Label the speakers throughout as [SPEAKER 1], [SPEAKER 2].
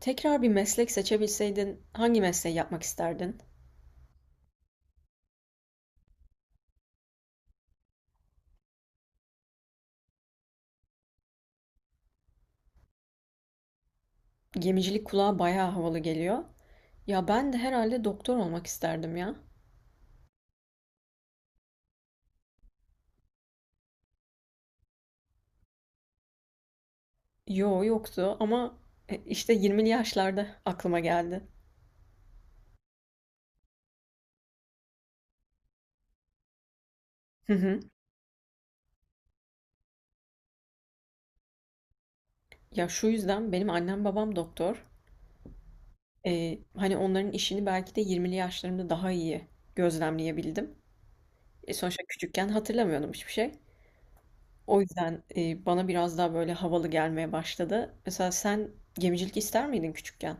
[SPEAKER 1] Tekrar bir meslek seçebilseydin hangi mesleği yapmak isterdin? Gemicilik kulağa bayağı havalı geliyor. Ya ben de herhalde doktor olmak isterdim ya. Yo yoktu ama işte 20'li yaşlarda aklıma geldi. Hı hı. Ya şu yüzden benim annem babam doktor. Hani onların işini belki de 20'li yaşlarımda daha iyi gözlemleyebildim. Sonuçta küçükken hatırlamıyordum hiçbir şey. O yüzden bana biraz daha böyle havalı gelmeye başladı. Mesela sen gemicilik ister miydin küçükken?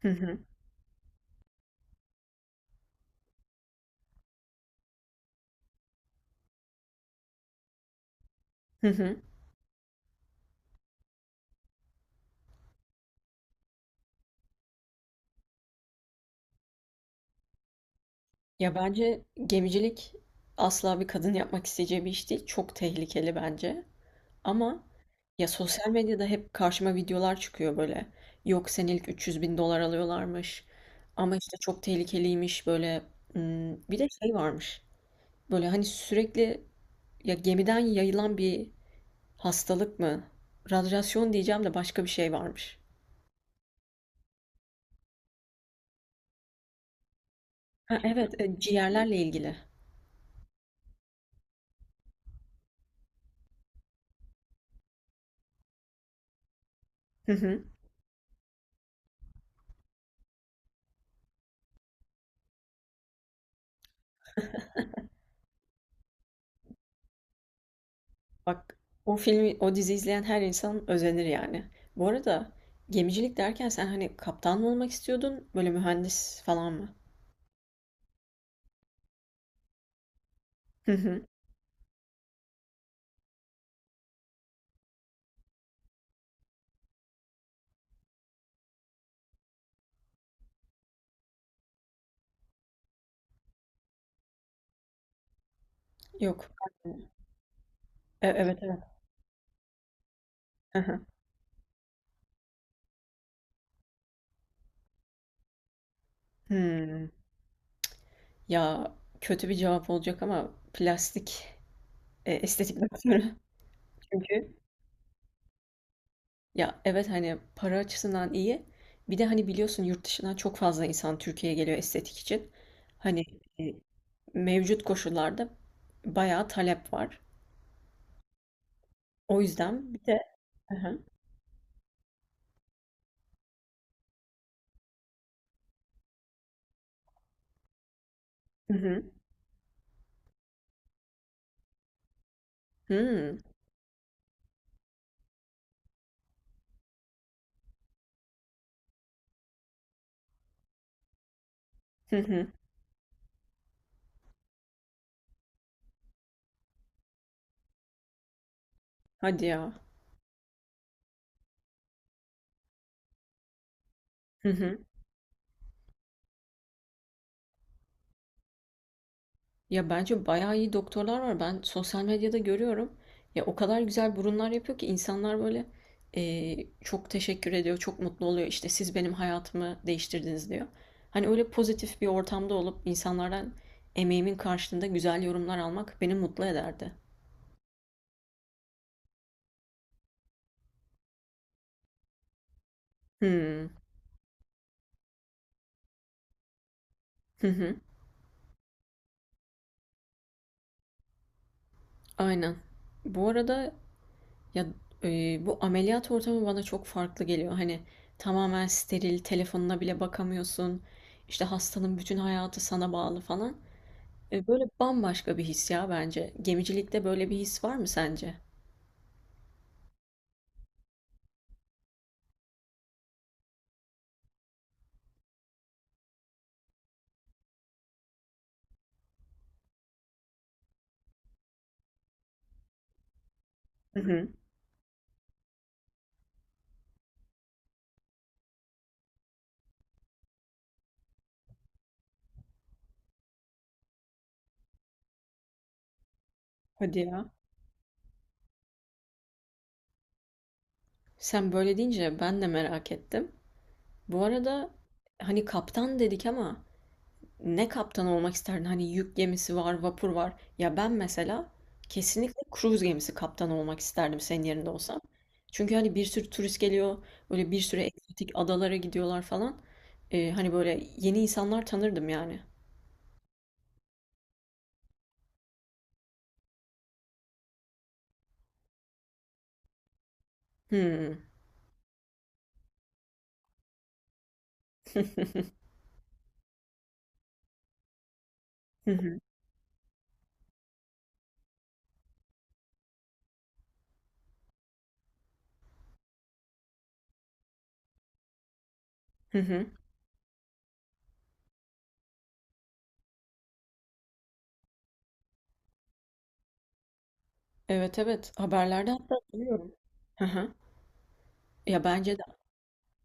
[SPEAKER 1] Hı hı. Hı hı. Ya bence gemicilik asla bir kadın yapmak isteyeceği bir iş değil. Çok tehlikeli bence. Ama ya sosyal medyada hep karşıma videolar çıkıyor böyle. Yok senelik 300 bin dolar alıyorlarmış. Ama işte çok tehlikeliymiş böyle. Hmm, bir de şey varmış. Böyle hani sürekli ya gemiden yayılan bir hastalık mı? Radyasyon diyeceğim de başka bir şey varmış. Ha evet ciğerlerle ilgili. Bak o filmi, o dizi izleyen her insan özenir yani. Bu arada gemicilik derken sen hani kaptan mı olmak istiyordun, böyle mühendis falan mı? Hı hı. Yok. Evet, evet. Hı hı. Hmm. Ya kötü bir cevap olacak ama plastik estetik doktoru. Çünkü ya evet hani para açısından iyi. Bir de hani biliyorsun yurt dışından çok fazla insan Türkiye'ye geliyor estetik için. Hani e, mevcut koşullarda bayağı talep var. O yüzden bir de Hı hı. Hıı. Hı hı. Hadi ya. Hı hı. Ya bence bayağı iyi doktorlar var. Ben sosyal medyada görüyorum. Ya o kadar güzel burunlar yapıyor ki insanlar böyle çok teşekkür ediyor, çok mutlu oluyor. İşte siz benim hayatımı değiştirdiniz diyor. Hani öyle pozitif bir ortamda olup insanlardan emeğimin karşılığında güzel yorumlar almak beni mutlu ederdi. Hı hı. Hı. Aynen. Bu arada, ya, bu ameliyat ortamı bana çok farklı geliyor. Hani tamamen steril, telefonuna bile bakamıyorsun. İşte hastanın bütün hayatı sana bağlı falan. Böyle bambaşka bir his ya bence. Gemicilikte böyle bir his var mı sence? Hı hı. Hadi ya. Sen böyle deyince ben de merak ettim. Bu arada hani kaptan dedik ama ne kaptan olmak isterdin? Hani yük gemisi var, vapur var. Ya ben mesela kesinlikle kruz gemisi kaptanı olmak isterdim senin yerinde olsam. Çünkü hani bir sürü turist geliyor, böyle bir sürü egzotik adalara gidiyorlar falan. Hani böyle yeni insanlar tanırdım yani. Hmm. Hı hı. Hı hı. Evet, evet, haberlerde hatta görüyorum. Hı hı. Ya bence de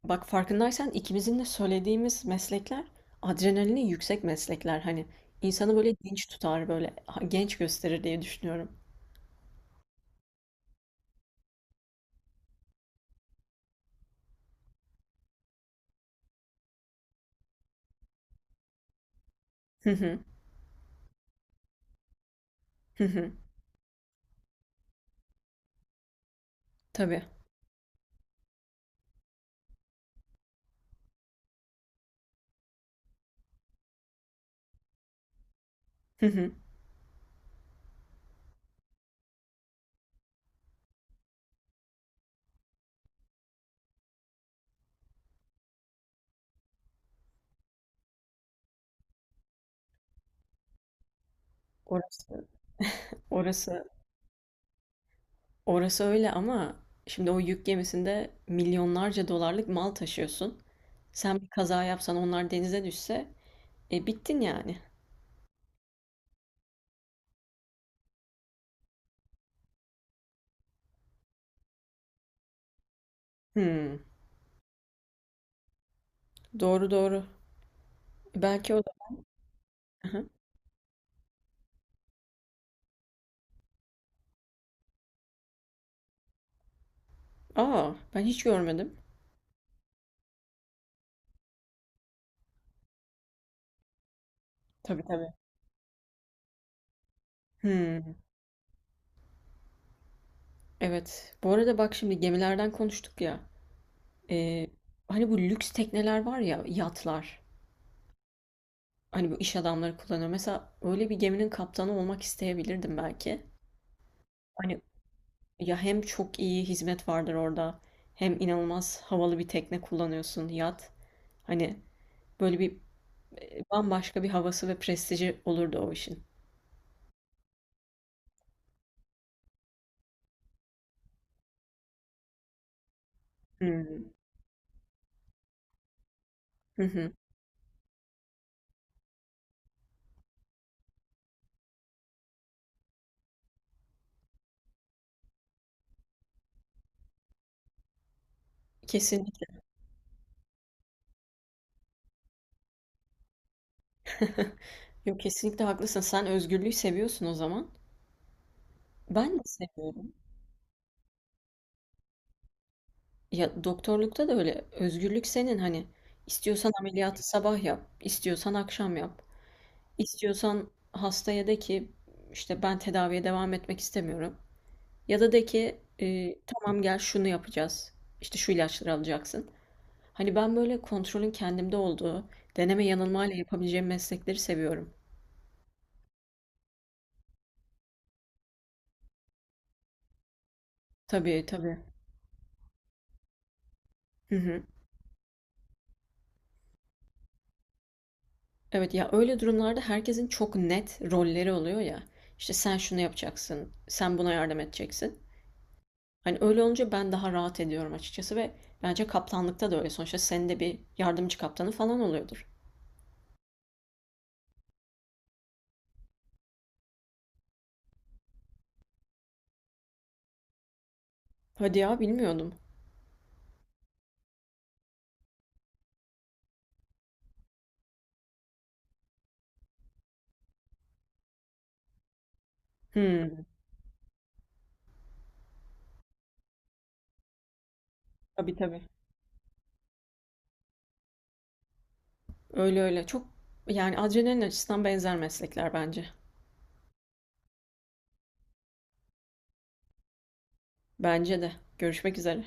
[SPEAKER 1] bak farkındaysan ikimizin de söylediğimiz meslekler adrenalini yüksek meslekler. Hani insanı böyle dinç tutar, böyle genç gösterir diye düşünüyorum. Hı hı, hı hı. Tabii. Hı hı. Orası, orası, orası öyle ama şimdi o yük gemisinde milyonlarca dolarlık mal taşıyorsun. Sen bir kaza yapsan onlar denize düşse, e bittin yani. Hmm, doğru doğru. Belki o da. Hı hı. Aa, ben hiç görmedim. Tabii, tabii. Hmm. Evet. Bu arada bak şimdi gemilerden konuştuk ya. Ee, hani bu lüks tekneler var ya, yatlar. Hani bu iş adamları kullanıyor. Mesela öyle bir geminin kaptanı olmak isteyebilirdim belki. Hani ya hem çok iyi hizmet vardır orada, hem inanılmaz havalı bir tekne kullanıyorsun, yat. Hani böyle bir bambaşka bir havası ve prestiji olurdu o işin. Hmm. Hı hı. Kesinlikle. Yok, kesinlikle haklısın. Sen özgürlüğü seviyorsun o zaman. Ben de seviyorum. Ya, doktorlukta da öyle. Özgürlük senin, hani, istiyorsan ameliyatı sabah yap, istiyorsan akşam yap. İstiyorsan hastaya de ki, işte, "Ben tedaviye devam etmek istemiyorum." ya da de ki, "Tamam, gel şunu yapacağız, işte, şu ilaçları alacaksın." Hani, ben böyle kontrolün kendimde olduğu, deneme yanılmayla yapabileceğim meslekleri seviyorum. Tabii, tabii. Hı hı. Evet, ya, öyle durumlarda herkesin çok net rolleri oluyor ya. İşte, sen şunu yapacaksın, sen buna yardım edeceksin. Hani öyle olunca ben daha rahat ediyorum açıkçası ve bence kaptanlıkta da öyle. Sonuçta senin de bir yardımcı kaptanı falan oluyordur. Hadi ya, bilmiyordum. Hmm, tabii, tabii. Öyle öyle. Çok yani adrenalin açısından benzer meslekler bence. Bence de. Görüşmek üzere.